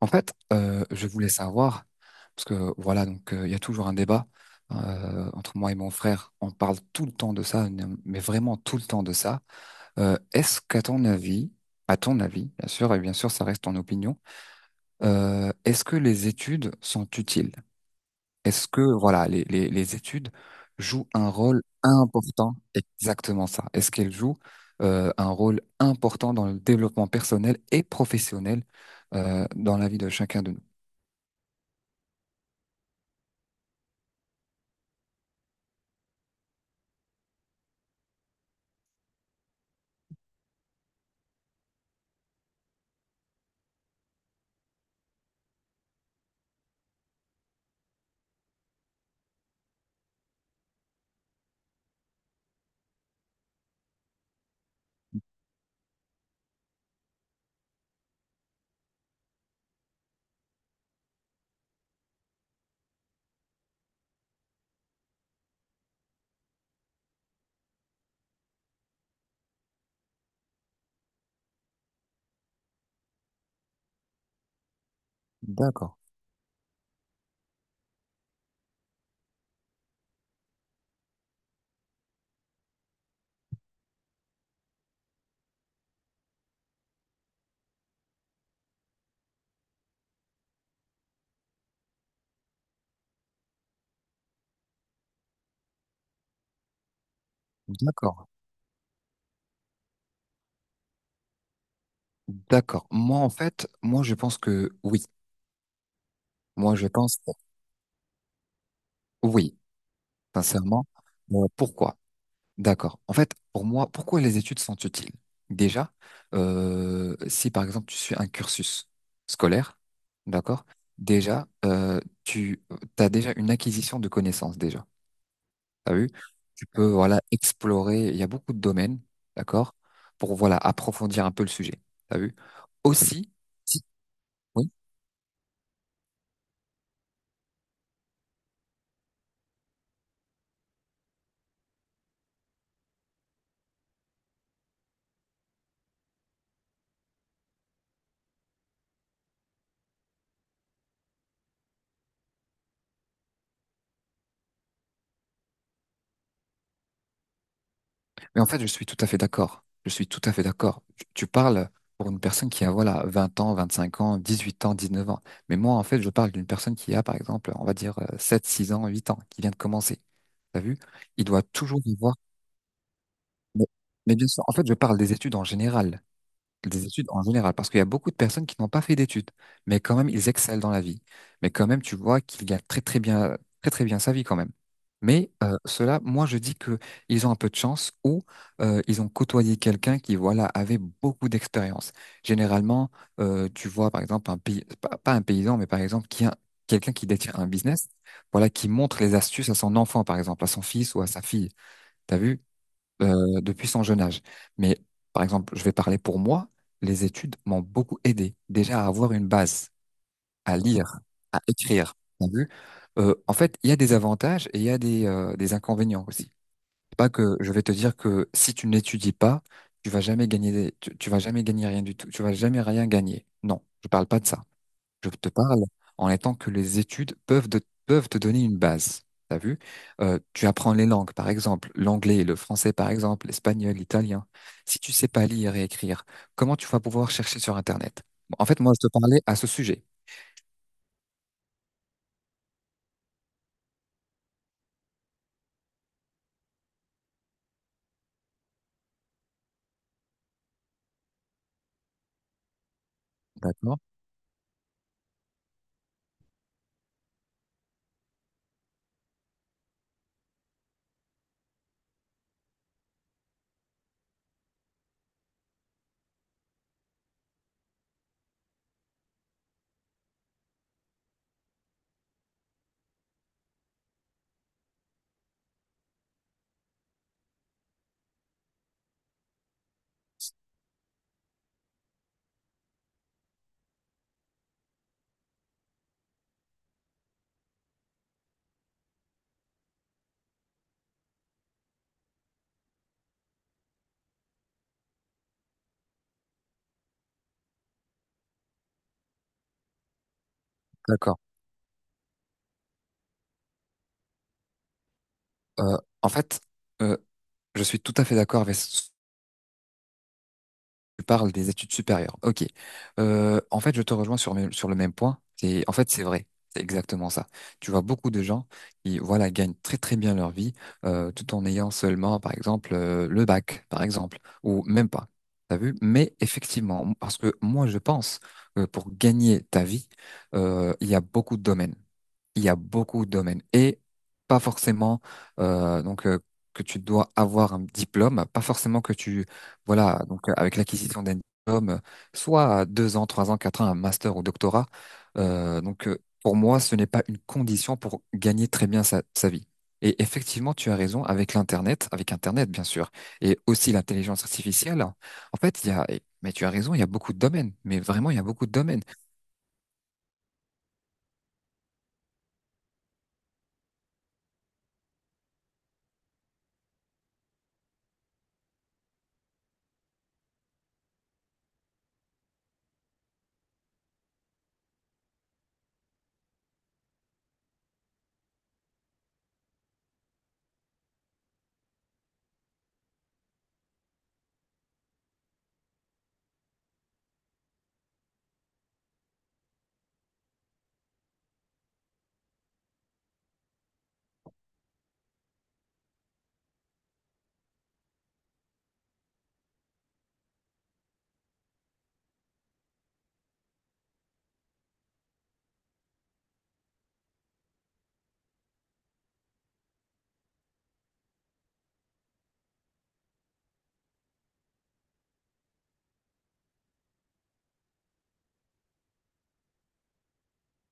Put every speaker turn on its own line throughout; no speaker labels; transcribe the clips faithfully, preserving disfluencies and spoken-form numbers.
En fait, euh, je voulais savoir, parce que voilà, donc euh, il y a toujours un débat euh, entre moi et mon frère. On parle tout le temps de ça, mais vraiment tout le temps de ça. Euh, est-ce qu'à ton avis, à ton avis, bien sûr, et bien sûr, ça reste ton opinion, euh, est-ce que les études sont utiles? Est-ce que voilà, les, les, les études jouent un rôle important? Exactement ça. Est-ce qu'elles jouent euh, un rôle important dans le développement personnel et professionnel euh, dans la vie de chacun de nous? D'accord. D'accord, d'accord. Moi, en fait, moi, je pense que oui. Moi, je pense que oui, sincèrement. Euh, pourquoi? D'accord. En fait, pour moi, pourquoi les études sont utiles? Déjà, euh, si par exemple tu suis un cursus scolaire, d'accord, déjà, euh, tu as déjà une acquisition de connaissances, déjà. T'as vu? Tu peux, voilà, explorer. Il y a beaucoup de domaines, d'accord, pour, voilà, approfondir un peu le sujet. T'as vu? Aussi, si- oui. Mais en fait, je suis tout à fait d'accord. Je suis tout à fait d'accord. Tu, tu parles pour une personne qui a, voilà, vingt ans, vingt-cinq ans, dix-huit ans, dix-neuf ans. Mais moi, en fait, je parle d'une personne qui a, par exemple, on va dire euh, sept, six ans, huit ans, qui vient de commencer. T'as vu? Il doit toujours y voir. Mais, mais bien sûr, en fait, je parle des études en général des études en général, parce qu'il y a beaucoup de personnes qui n'ont pas fait d'études, mais quand même, ils excellent dans la vie. Mais quand même, tu vois qu'il gagne très très bien, très très bien sa vie quand même. Mais euh, ceux-là, moi, je dis que ils ont un peu de chance ou euh, ils ont côtoyé quelqu'un qui, voilà, avait beaucoup d'expérience. Généralement, euh, tu vois, par exemple, un pays, pas, pas un paysan, mais par exemple, qui a quelqu'un qui détient un business, voilà, qui montre les astuces à son enfant, par exemple, à son fils ou à sa fille. T'as vu? euh, depuis son jeune âge. Mais par exemple, je vais parler pour moi, les études m'ont beaucoup aidé déjà à avoir une base, à lire, à écrire. T'as vu? Euh, en fait, il y a des avantages et il y a des, euh, des inconvénients aussi. C'est pas que je vais te dire que si tu n'étudies pas, tu vas jamais gagner, des- tu, tu vas jamais gagner rien du tout, tu vas jamais rien gagner. Non, je parle pas de ça. Je te parle en étant que les études peuvent, de- peuvent te donner une base. T'as vu? Euh, tu apprends les langues, par exemple, l'anglais, le français, par exemple, l'espagnol, l'italien. Si tu sais pas lire et écrire, comment tu vas pouvoir chercher sur Internet? Bon, en fait, moi, je te parlais à ce sujet. D'accord? D'accord. Euh, en fait, euh, je suis tout à fait d'accord. avec Tu parles des études supérieures. Ok. Euh, en fait, je te rejoins sur, mes- sur le même point. C'est, en fait, c'est vrai. C'est exactement ça. Tu vois beaucoup de gens qui, voilà, gagnent très très bien leur vie euh, tout en ayant seulement, par exemple, euh, le bac, par exemple, ou même pas. T'as vu? Mais effectivement, parce que moi, je pense que pour gagner ta vie, euh, il y a beaucoup de domaines il y a beaucoup de domaines et pas forcément euh, donc euh, que tu dois avoir un diplôme, pas forcément que tu voilà donc euh, avec l'acquisition d'un diplôme, euh, soit à deux ans, trois ans, quatre ans, un master ou doctorat. Euh, donc euh, pour moi, ce n'est pas une condition pour gagner très bien sa, sa vie. Et effectivement, tu as raison avec l'internet, avec internet bien sûr, et aussi l'intelligence artificielle. En fait, il y a mais tu as raison, il y a beaucoup de domaines, mais vraiment il y a beaucoup de domaines.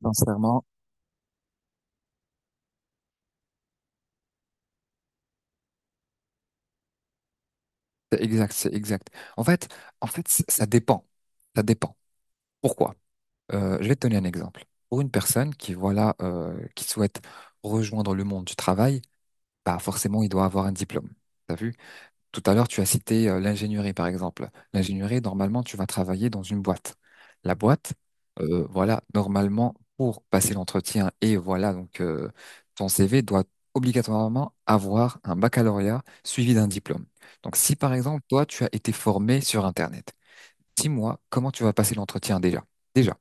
Sincèrement. C'est exact, c'est exact. En fait, en fait, c- ça dépend. Ça dépend. Pourquoi? Euh, je vais te donner un exemple. Pour une personne qui, voilà, euh, qui souhaite rejoindre le monde du travail, bah forcément, il doit avoir un diplôme. T'as vu? Tout à l'heure, tu as cité euh, l'ingénierie, par exemple. L'ingénierie, normalement, tu vas travailler dans une boîte. La boîte, euh, voilà, normalement, pour passer l'entretien et voilà, donc euh, ton C V doit obligatoirement avoir un baccalauréat suivi d'un diplôme. Donc, si par exemple, toi, tu as été formé sur Internet, dis-moi comment tu vas passer l'entretien déjà. Déjà.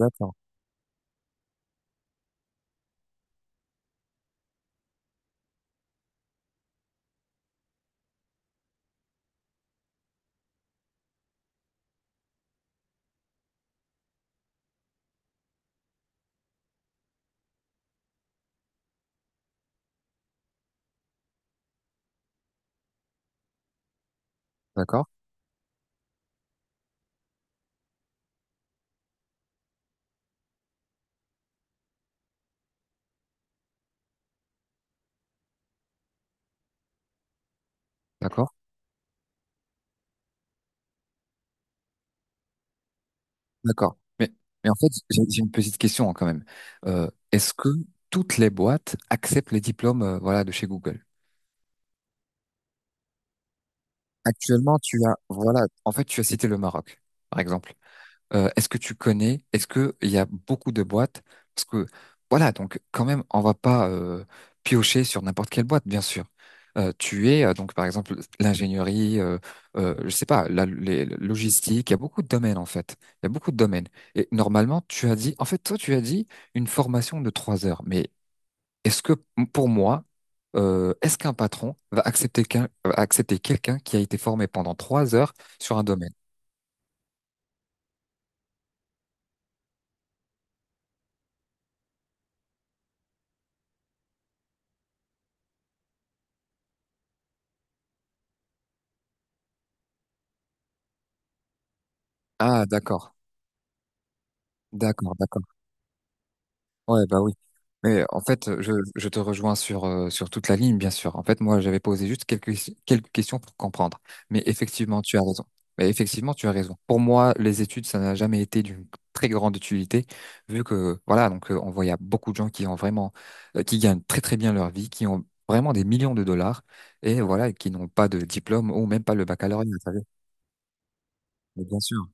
D'accord. D'accord. D'accord. D'accord. Mais, mais en fait, j'ai j'ai une petite question hein, quand même. Euh, est-ce que toutes les boîtes acceptent les diplômes, euh, voilà, de chez Google? Actuellement, tu as, voilà, en fait, tu as cité le Maroc, par exemple. Euh, est-ce que tu connais, est-ce que il y a beaucoup de boîtes? Parce que, voilà, donc quand même, on va pas euh, piocher sur n'importe quelle boîte, bien sûr. Euh, tu es euh, donc, par exemple, l'ingénierie, euh, euh, je sais pas, la, les la logistique. Il y a beaucoup de domaines en fait. Il y a beaucoup de domaines. Et normalement, tu as dit, en fait, toi, tu as dit une formation de trois heures. Mais est-ce que pour moi, euh, est-ce qu'un patron va accepter qu'un- va accepter quelqu'un qui a été formé pendant trois heures sur un domaine? Ah, d'accord, d'accord, d'accord. Ouais, bah oui. Mais en fait, je, je te rejoins sur, euh, sur toute la ligne, bien sûr. En fait, moi, j'avais posé juste quelques, quelques questions pour comprendre. Mais effectivement, tu as raison. Mais effectivement, tu as raison. Pour moi, les études, ça n'a jamais été d'une très grande utilité, vu que, voilà, donc, euh, on voit, il y a beaucoup de gens qui ont vraiment, euh, qui gagnent très, très bien leur vie, qui ont vraiment des millions de dollars, et voilà, qui n'ont pas de diplôme ou même pas le baccalauréat, vous savez. Mais bien sûr.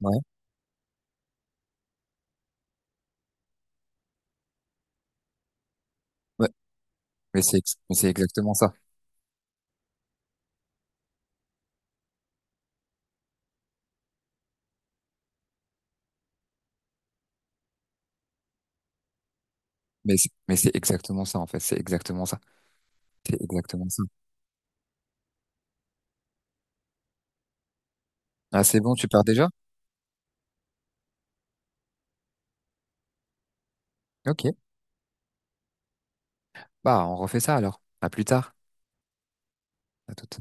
Ouais. Ouais. Mais c'est, ex- mais c'est exactement ça. Mais c'est mais c'est exactement ça, en fait. C'est exactement ça. C'est exactement ça. Ah, c'est bon, tu pars déjà? Ok. Bah, on refait ça alors. À plus tard. À tout